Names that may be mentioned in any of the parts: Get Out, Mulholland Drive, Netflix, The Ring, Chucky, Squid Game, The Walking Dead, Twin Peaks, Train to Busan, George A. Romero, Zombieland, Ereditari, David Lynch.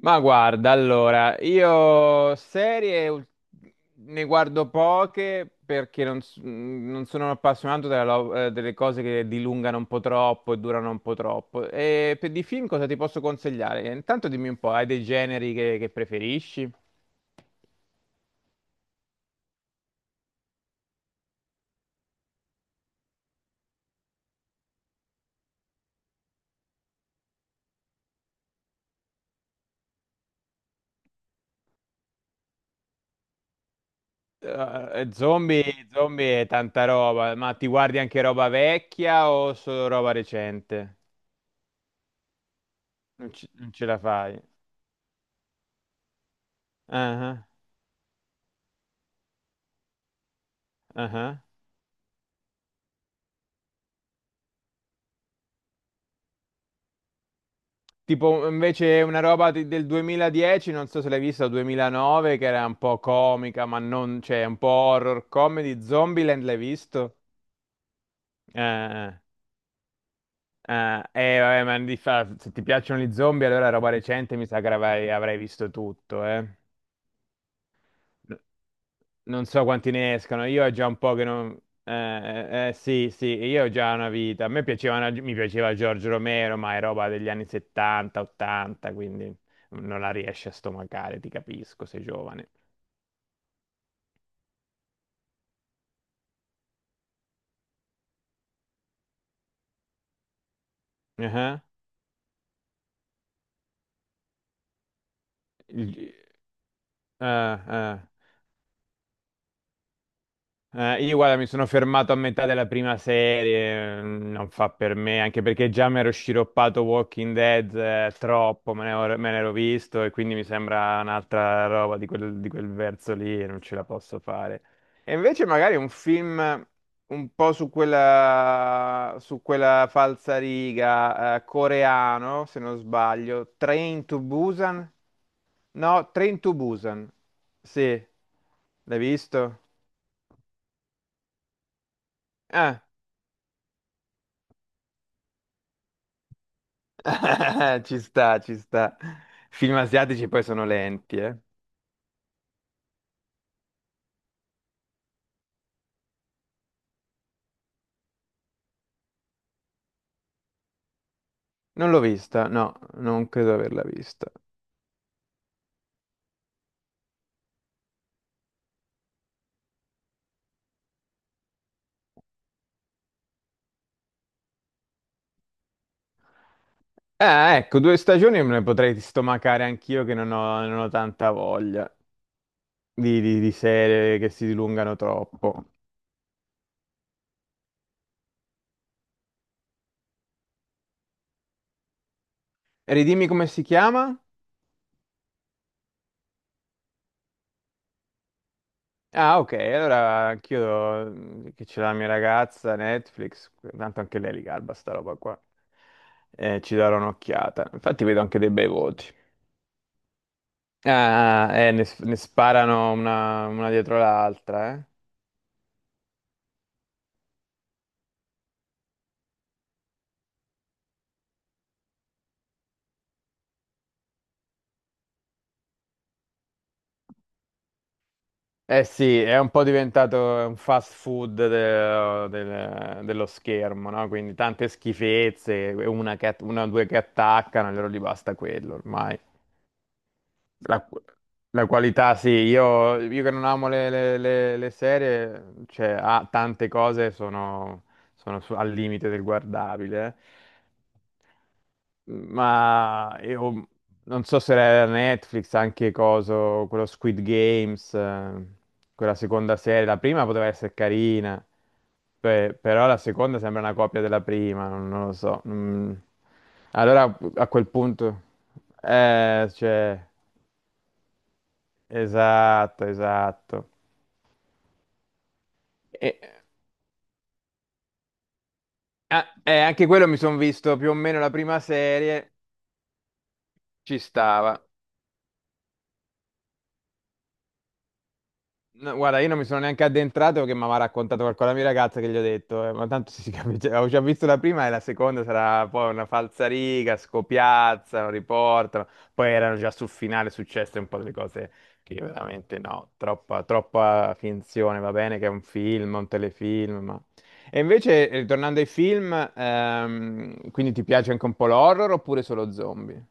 Ma guarda, allora, ne guardo poche perché non sono un appassionato delle cose che dilungano un po' troppo e durano un po' troppo. E per di film cosa ti posso consigliare? Intanto dimmi un po', hai dei generi che preferisci? Zombie, zombie è tanta roba, ma ti guardi anche roba vecchia o solo roba recente? Non ce la fai? Ah, ah, ah, ah. Tipo invece una roba del 2010, non so se l'hai vista, o 2009, che era un po' comica, ma non, cioè un po' horror comedy, Zombieland l'hai visto? Eh, eh, Vabbè, ma se ti piacciono gli zombie, allora roba recente mi sa che avrai visto tutto, eh. Non so quanti ne escano, io ho già un po' che non. Sì, sì, io ho già una vita. A me piaceva, una- Mi piaceva Giorgio Romero, ma è roba degli anni 70, 80, quindi non la riesci a stomacare, ti capisco, sei giovane. Ah, il- ah, ah. Io guarda, mi sono fermato a metà della prima serie, non fa per me, anche perché già mi ero sciroppato Walking Dead, troppo, me ne ero visto e quindi mi sembra un'altra roba di quel verso lì e non ce la posso fare. E invece magari un film un po' su quella falsa riga, coreano, se non sbaglio, Train to Busan? No, Train to Busan, sì, l'hai visto? Ah. Ci sta, ci sta. Film asiatici poi sono lenti, eh. Non l'ho vista, no, non credo averla vista. Ecco, due stagioni me ne potrei stomacare anch'io che non ho tanta voglia di serie che si dilungano troppo. Ridimmi come si chiama? Ah, ok, allora anch'io, che c'è la mia ragazza, Netflix, tanto anche lei li garba sta roba qua. Ci darò un'occhiata. Infatti vedo anche dei bei voti. Ah, ah, ne sparano una dietro l'altra, eh. Eh sì, è un po' diventato un fast food dello schermo, no? Quindi tante schifezze, una o due che attaccano, allora gli basta quello ormai. La, la qualità, sì, io che non amo le serie, cioè, ha tante cose al limite del guardabile. Ma io non so se era Netflix, anche coso, quello Squid Games, quella seconda serie, la prima poteva essere carina, però la seconda sembra una copia della prima, non lo so. Mm. Allora a quel punto, cioè, esatto, esatto. E anche quello mi sono visto più o meno la prima serie, ci stava. No, guarda, io non mi sono neanche addentrato perché mi aveva raccontato qualcosa la mia ragazza che gli ho detto, ma tanto si capisce, avevo già visto la prima e la seconda sarà poi una falsariga, scopiazzano, riportano, poi erano già sul finale successe un po' delle cose che io veramente no, troppa, troppa finzione, va bene che è un film, un telefilm, ma. E invece, ritornando ai film, quindi ti piace anche un po' l'horror oppure solo zombie?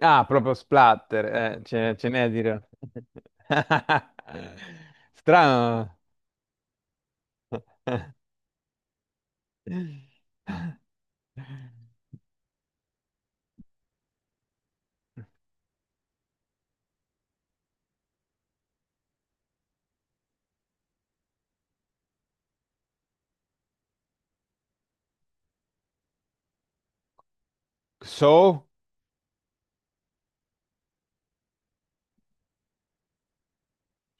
Ah, proprio splatter, ce n'è a dire. Strano. So,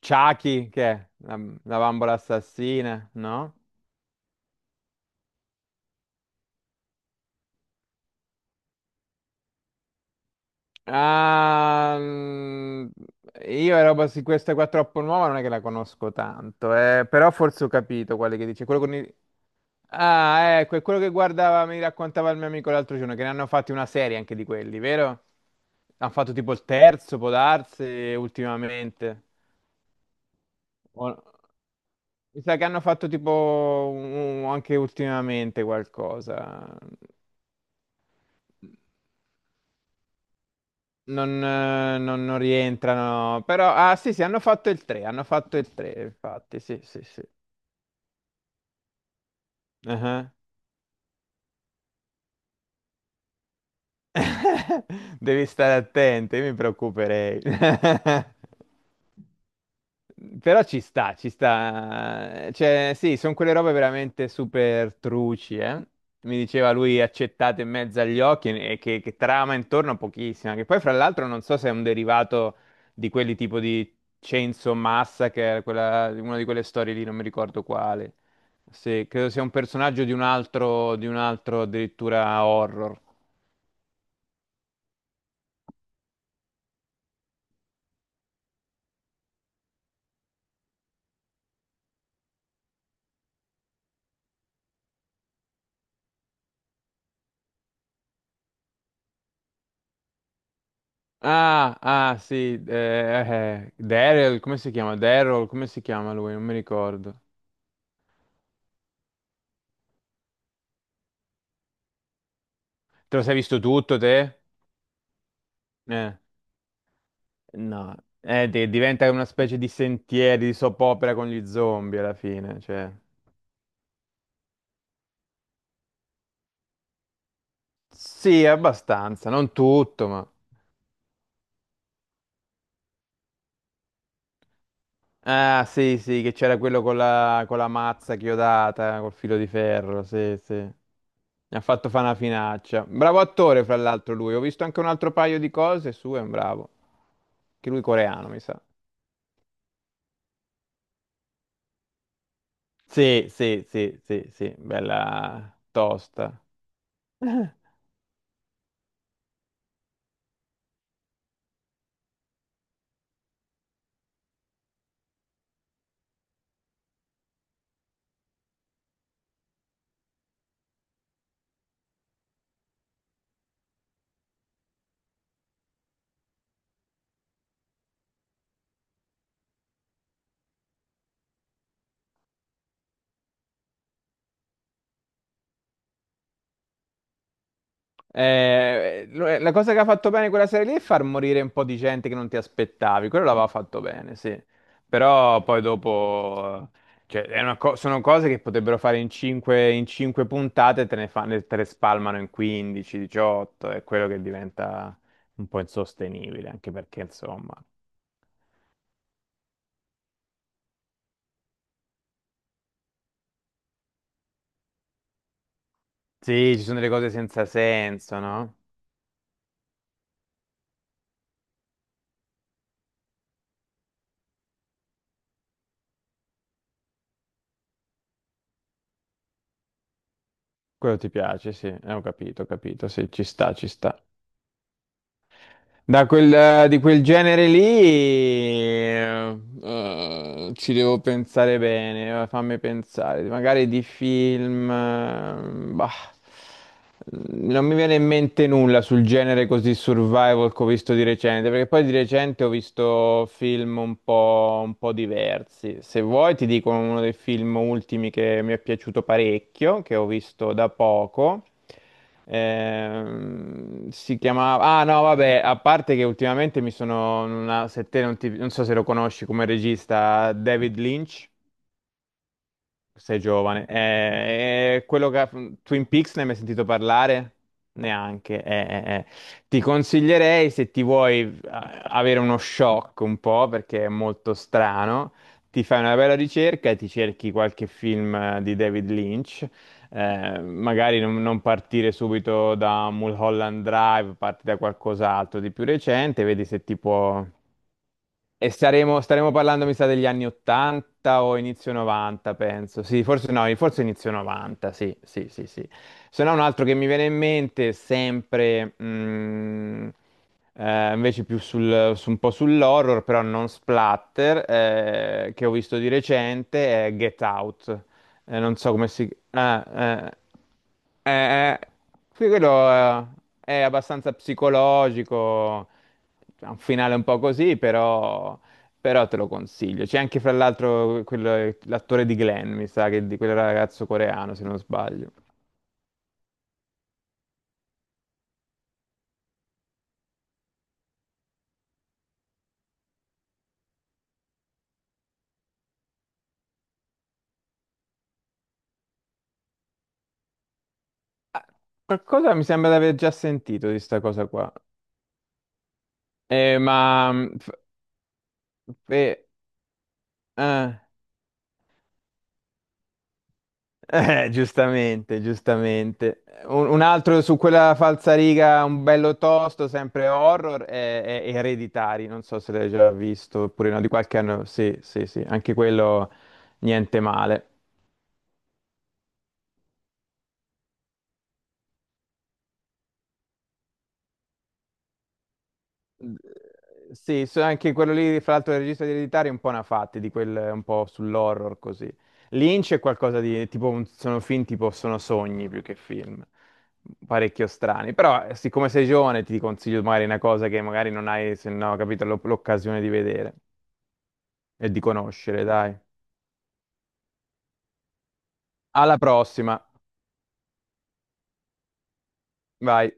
Chucky, che è? La bambola assassina, no? Ah, io la roba su questa qua troppo nuova non è che la conosco tanto, però forse ho capito quale che dice. Quello con i-. Ah, ecco, è quello che guardava, mi raccontava il mio amico l'altro giorno, che ne hanno fatti una serie anche di quelli, vero? Hanno fatto tipo il terzo, può darsi, ultimamente. O-. Mi sa che hanno fatto tipo anche ultimamente qualcosa. Non rientrano, però. Ah, sì, sì, hanno fatto il 3, hanno fatto il 3, infatti, sì, sì, sì. Ah. Devi stare attenti, mi preoccuperei. Però ci sta, ci sta. Cioè, sì, sono quelle robe veramente super truci, eh. Mi diceva lui accettate in mezzo agli occhi e che trama intorno pochissima. Che poi, fra l'altro, non so se è un derivato di quelli tipo di Chainsaw Massacre, quella, una di quelle storie lì, non mi ricordo quale. Sì, credo sia un personaggio di un altro addirittura horror. Ah, ah, sì, Daryl, come si chiama? Daryl, come si chiama lui? Non mi ricordo. Te lo sei visto tutto, te? Eh, no. Diventa una specie di sentieri, di soap opera con gli zombie alla fine, cioè. Sì, abbastanza, non tutto, ma. Ah, sì, sì, che c'era quello con la mazza chiodata, col filo di ferro, sì, sì. Mi ha fatto fare una finaccia. Bravo attore, fra l'altro, lui. Ho visto anche un altro paio di cose sue, è un bravo. Che lui coreano, mi sa. Sì, sì, sì, sì, sì, bella tosta. La cosa che ha fatto bene quella serie lì è far morire un po' di gente che non ti aspettavi, quello l'aveva fatto bene, sì. Però poi dopo, cioè, sono cose che potrebbero fare in 5, in cinque puntate, te ne fanno, te le spalmano in 15, 18, è quello che diventa un po' insostenibile, anche perché insomma, sì, ci sono delle cose senza senso, no? Quello ti piace, sì, ho capito, sì, ci sta, ci sta. Di quel genere lì, ci devo pensare bene, fammi pensare, magari di film, bah. Non mi viene in mente nulla sul genere così survival che ho visto di recente, perché poi di recente ho visto film un po' diversi. Se vuoi ti dico uno dei film ultimi che mi è piaciuto parecchio, che ho visto da poco. Si chiamava. Ah no, vabbè, a parte che ultimamente mi sono. Una. Se te non so se lo conosci come regista, David Lynch. Sei giovane. Quello che. Twin Peaks ne hai mai sentito parlare? Neanche. Ti consiglierei se ti vuoi avere uno shock un po', perché è molto strano, ti fai una bella ricerca e ti cerchi qualche film di David Lynch. Magari non partire subito da Mulholland Drive, parti da qualcos'altro di più recente, vedi se ti può. E staremo parlando, mi sa, degli anni 80 o inizio 90, penso. Sì, forse no, forse inizio 90, sì, sì, sì, sì. Se no, un altro che mi viene in mente, sempre, invece più su un po' sull'horror, però non splatter, che ho visto di recente, è Get Out. Non so come si. Ah, eh, eh, eh, sì, quello è abbastanza psicologico, ha un finale un po' così, però te lo consiglio. C'è anche, fra l'altro, l'attore di Glenn, mi sa, che di quel ragazzo coreano, se non sbaglio. Ah, qualcosa mi sembra di aver già sentito di sta cosa qua. Ma. Eh, eh. Giustamente, giustamente. Un altro su quella falsariga, un bello tosto, sempre horror, è Ereditari, non so se l'hai già visto, oppure no, di qualche anno, sì, sì, sì, anche quello niente male. Sì, anche quello lì, fra l'altro, del regista di Ereditari è un po' una fatti, di quel, un po' sull'horror così. Lynch è qualcosa di, tipo, sono film tipo, sono sogni più che film, parecchio strani. Però, siccome sei giovane, ti consiglio magari una cosa che magari non hai, se no, capito, l'occasione di vedere e di conoscere, dai. Alla prossima, vai.